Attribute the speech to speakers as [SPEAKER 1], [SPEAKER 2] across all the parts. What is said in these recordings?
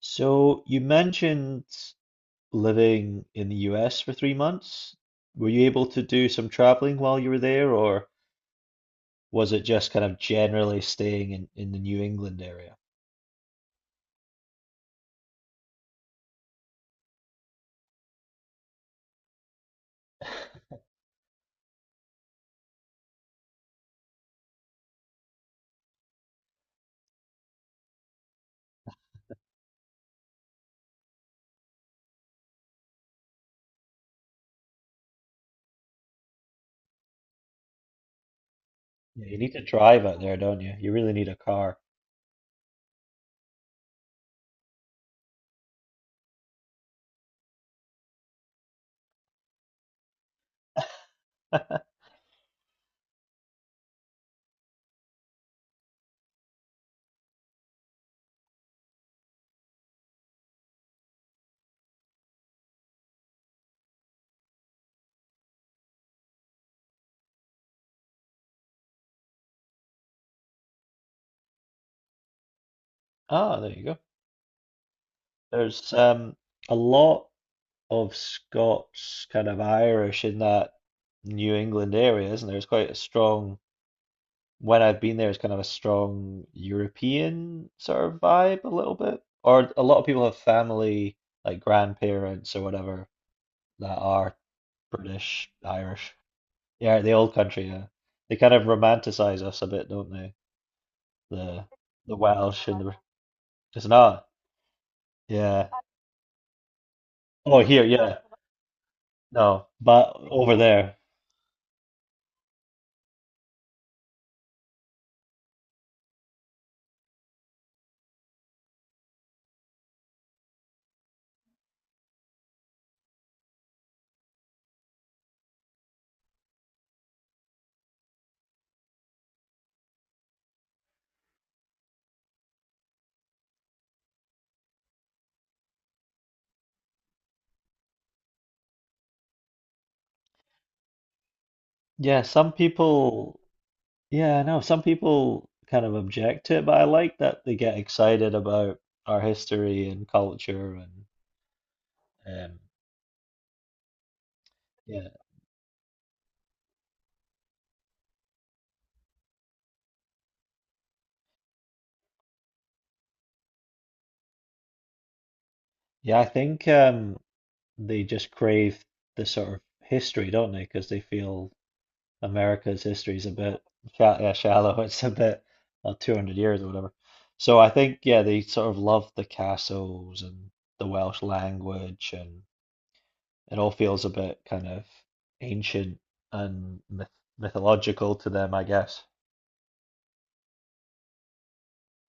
[SPEAKER 1] So you mentioned living in the US for 3 months. Were you able to do some traveling while you were there, or was it just kind of generally staying in the New England area? Yeah, you need to drive out there, don't you? You really need a car. Ah, there you go. There's a lot of Scots, kind of Irish in that New England area, isn't there? It's quite a strong when I've been there, it's kind of a strong European sort of vibe a little bit. Or a lot of people have family, like grandparents or whatever, that are British, Irish. Yeah, the old country, yeah. They kind of romanticize us a bit, don't they? The the Welsh and the it's not. Yeah. Oh, here, yeah. No, but over there. Yeah, some people, yeah, I know some people kind of object to it, but I like that they get excited about our history and culture and um yeah. Yeah, I think they just crave the sort of history, don't they? Because they feel America's history is a bit sha yeah, shallow. It's a bit 200 years or whatever. So I think yeah, they sort of love the castles and the Welsh language, and it all feels a bit kind of ancient and mythological to them, I guess.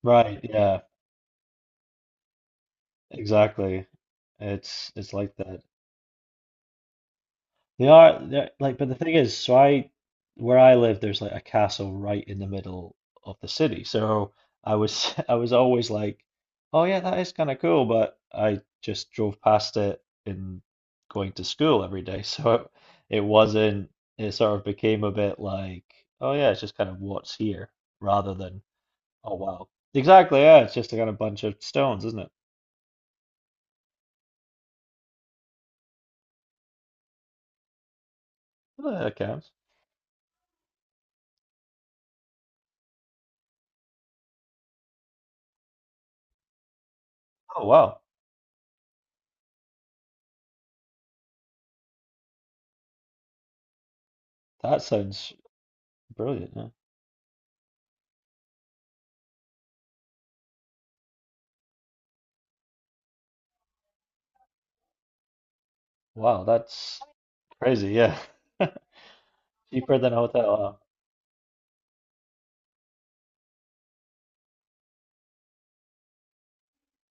[SPEAKER 1] Right, yeah, exactly. It's like that. They are they're like, but the thing is, so I, where I live there's like a castle right in the middle of the city. So I was, I was always like, oh yeah, that is kinda cool, but I just drove past it in going to school every day. So it wasn't, it sort of became a bit like, oh yeah, it's just kind of what's here rather than oh wow. Exactly, yeah, it's just a kind of bunch of stones, isn't it? Oh, that counts. Oh wow. That sounds brilliant, yeah. Wow, that's crazy, yeah. Cheaper than a hotel. Wow.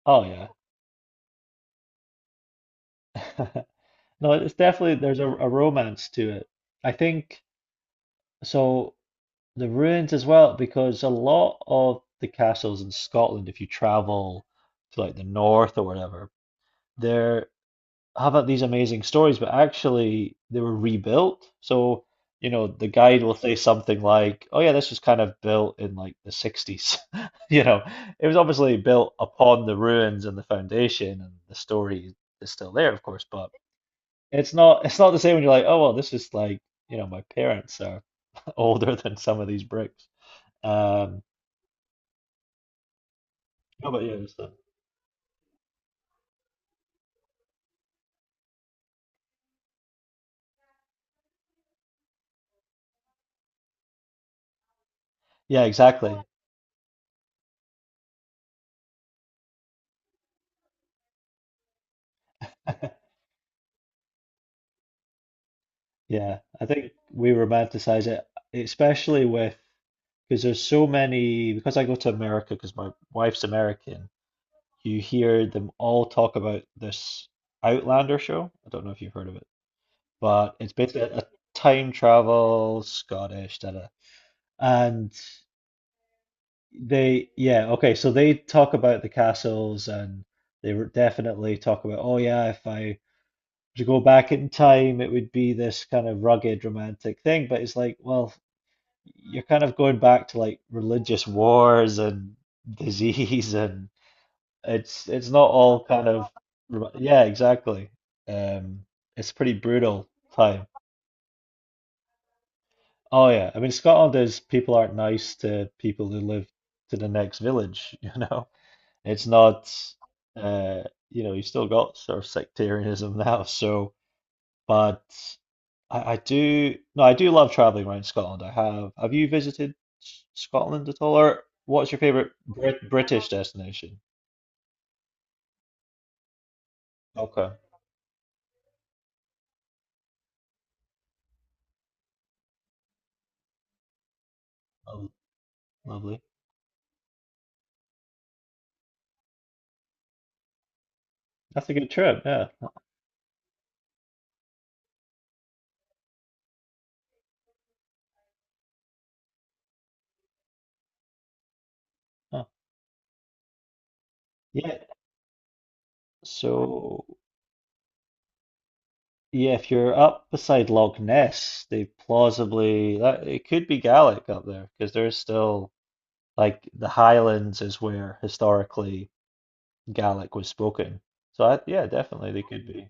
[SPEAKER 1] Oh oh, yeah. No, it's definitely there's a romance to it. I think so, the ruins as well, because a lot of the castles in Scotland, if you travel to like the north or whatever, they're have these amazing stories, but actually they were rebuilt. So, you know, the guide will say something like, "Oh yeah, this was kind of built in like the 60s." You know, it was obviously built upon the ruins and the foundation, and the story is still there, of course, but it's not, it's not the same when you're like, "Oh well, this is like, you know, my parents are older than some of these bricks." Um, how about you, Alistair? Yeah, exactly. Yeah, I think we romanticize it, especially with, because there's so many, because I go to America because my wife's American, you hear them all talk about this Outlander show. I don't know if you've heard of it, but it's basically a time travel Scottish, da da. And they, yeah, okay, so they talk about the castles, and they were definitely talk about, oh yeah, if I were to go back in time, it would be this kind of rugged romantic thing. But it's like, well, you're kind of going back to like religious wars and disease and it's not all kind of yeah, exactly. Um, it's pretty brutal time. Oh yeah, I mean, Scotland is, people aren't nice to people who live to the next village, you know. It's not uh you know, you still got sort of sectarianism now, so but I do, no, I do love traveling around Scotland. I have. Have you visited Scotland at all, or what's your favorite British destination? Okay, Lo- lovely. That's a good trip. Yeah, huh, yeah. So yeah, if you're up beside Loch Ness, they plausibly that it could be Gaelic up there because there's still like the Highlands is where historically Gaelic was spoken. So I, yeah, definitely they could be.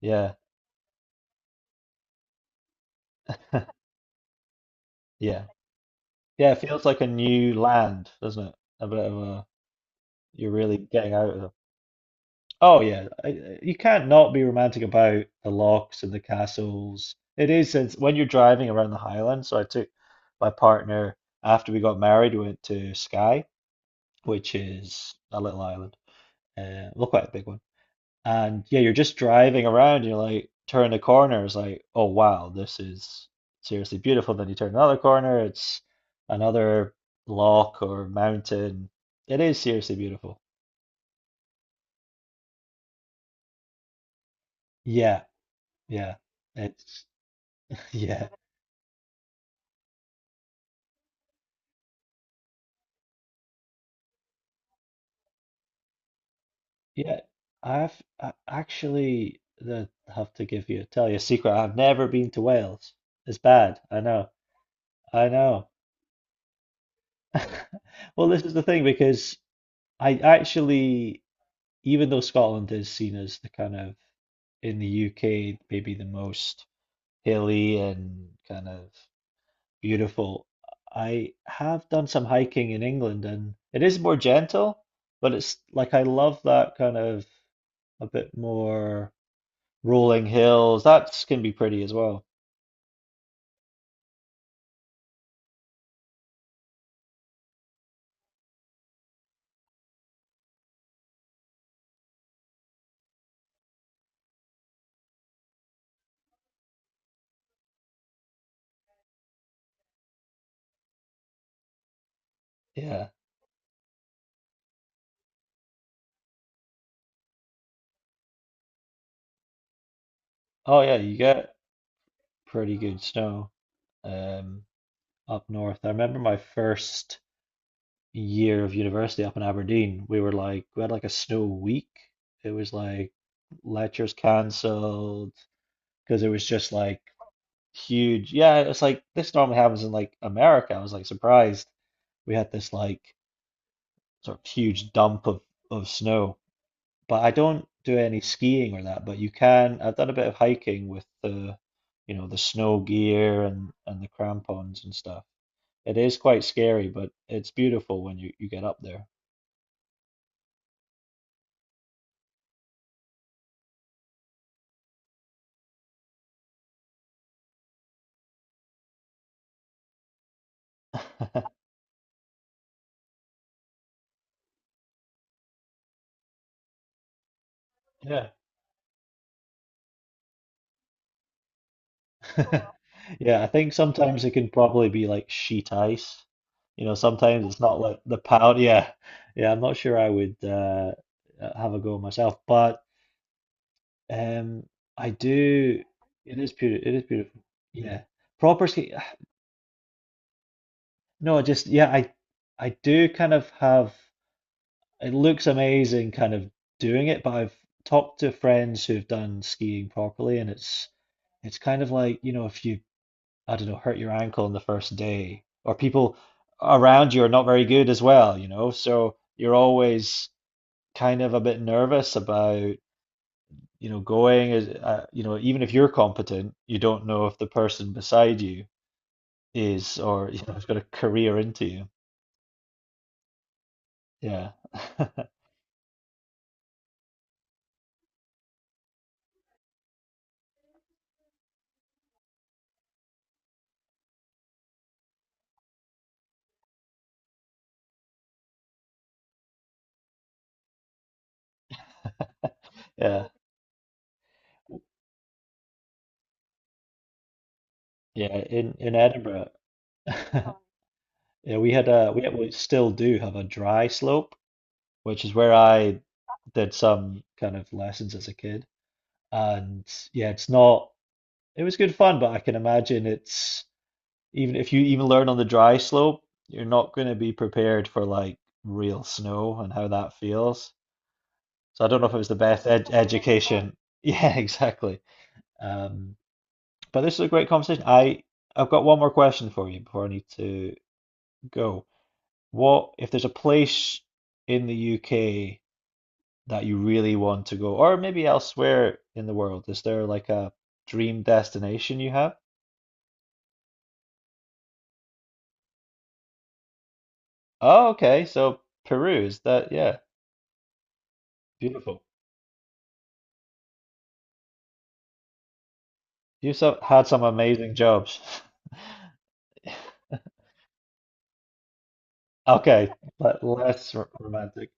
[SPEAKER 1] Yeah, yeah. Yeah, it feels like a new land, doesn't it? A bit of a, you're really getting out of them. Oh yeah, I- you can't not be romantic about the locks and the castles. It is, since when you're driving around the Highlands. So I took my partner after we got married. We went to Skye, which is a little island, well, quite a big one. And yeah, you're just driving around, you're like, turn the corner, it's like, oh wow, this is seriously beautiful. Then you turn another corner, it's another lock or mountain. It is seriously beautiful. Yeah, yeah. It's yeah. Yeah. I actually the have to give you tell you a secret. I've never been to Wales. It's bad. I know. I know. Well, this is the thing because I actually even though Scotland is seen as the kind of in the UK maybe the most hilly and kind of beautiful, I have done some hiking in England and it is more gentle, but it's like I love that kind of a bit more rolling hills. That can be pretty as well. Yeah. Oh yeah, you get pretty good snow um up north. I remember my first year of university up in Aberdeen, we were like we had like a snow week. It was like lectures cancelled because it was just like huge. Yeah, it's like this normally happens in like America. I was like surprised we had this like sort of huge dump of snow. But I don't do any skiing or that. But you can. I've done a bit of hiking with the, you know, the snow gear, and the crampons and stuff. It is quite scary, but it's beautiful when you get up there. Yeah. Yeah, I think sometimes it can probably be like sheet ice. You know, sometimes it's not like the pound. Yeah, yeah. I'm not sure I would have a go myself, but um, I do. It is beautiful. It is beautiful. Yeah, proper ski. No, just yeah. I do kind of have. It looks amazing, kind of doing it, but I've talked to friends who've done skiing properly, and it's kind of like, you know, if you, I don't know, hurt your ankle on the first day, or people around you are not very good as well, you know. So you're always kind of a bit nervous about, you know, going as, you know, even if you're competent, you don't know if the person beside you is or, you know, has got a career into you. Yeah. Yeah. Yeah. In Edinburgh, yeah, we had a we still do have a dry slope, which is where I did some kind of lessons as a kid. And yeah, it's not, it was good fun, but I can imagine it's, even if you even learn on the dry slope, you're not going to be prepared for like real snow and how that feels. So I don't know if it was the best ed education. Yeah, exactly. Um, but this is a great conversation. I, I've got one more question for you before I need to go. What if there's a place in the UK that you really want to go, or maybe elsewhere in the world? Is there like a dream destination you have? Oh, okay. So Peru is that, yeah. Beautiful. You've so, had some amazing jobs. Okay, but less romantic.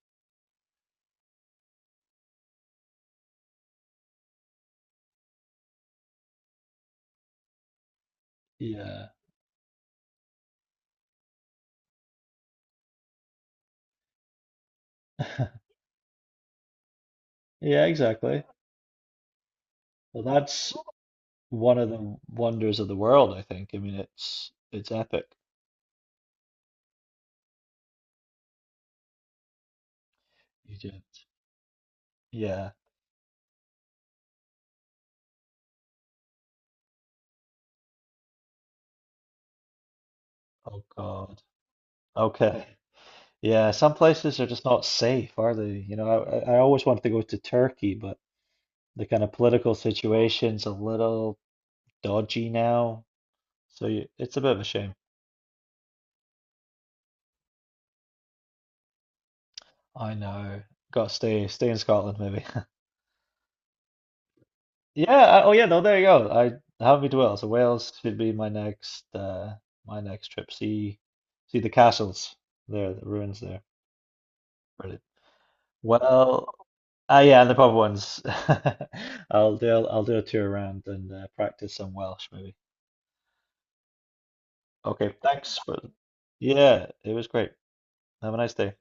[SPEAKER 1] Yeah. Yeah, exactly. Well, that's one of the wonders of the world, I think. I mean, it's epic. You do. Yeah. Oh God. Okay. Yeah, some places are just not safe, are they? You know, I always wanted to go to Turkey, but the kind of political situation's a little dodgy now. So you, it's a bit of a shame. I know. Got to stay in Scotland maybe. Yeah. I, oh yeah. No, there you go. I haven't been to Wales, so Wales should be my next trip. See see the castles there, the ruins there. Brilliant. Well, ah yeah, and the pub ones. I'll do a tour around and practice some Welsh maybe. Okay. Thanks for. Yeah, it was great. Have a nice day.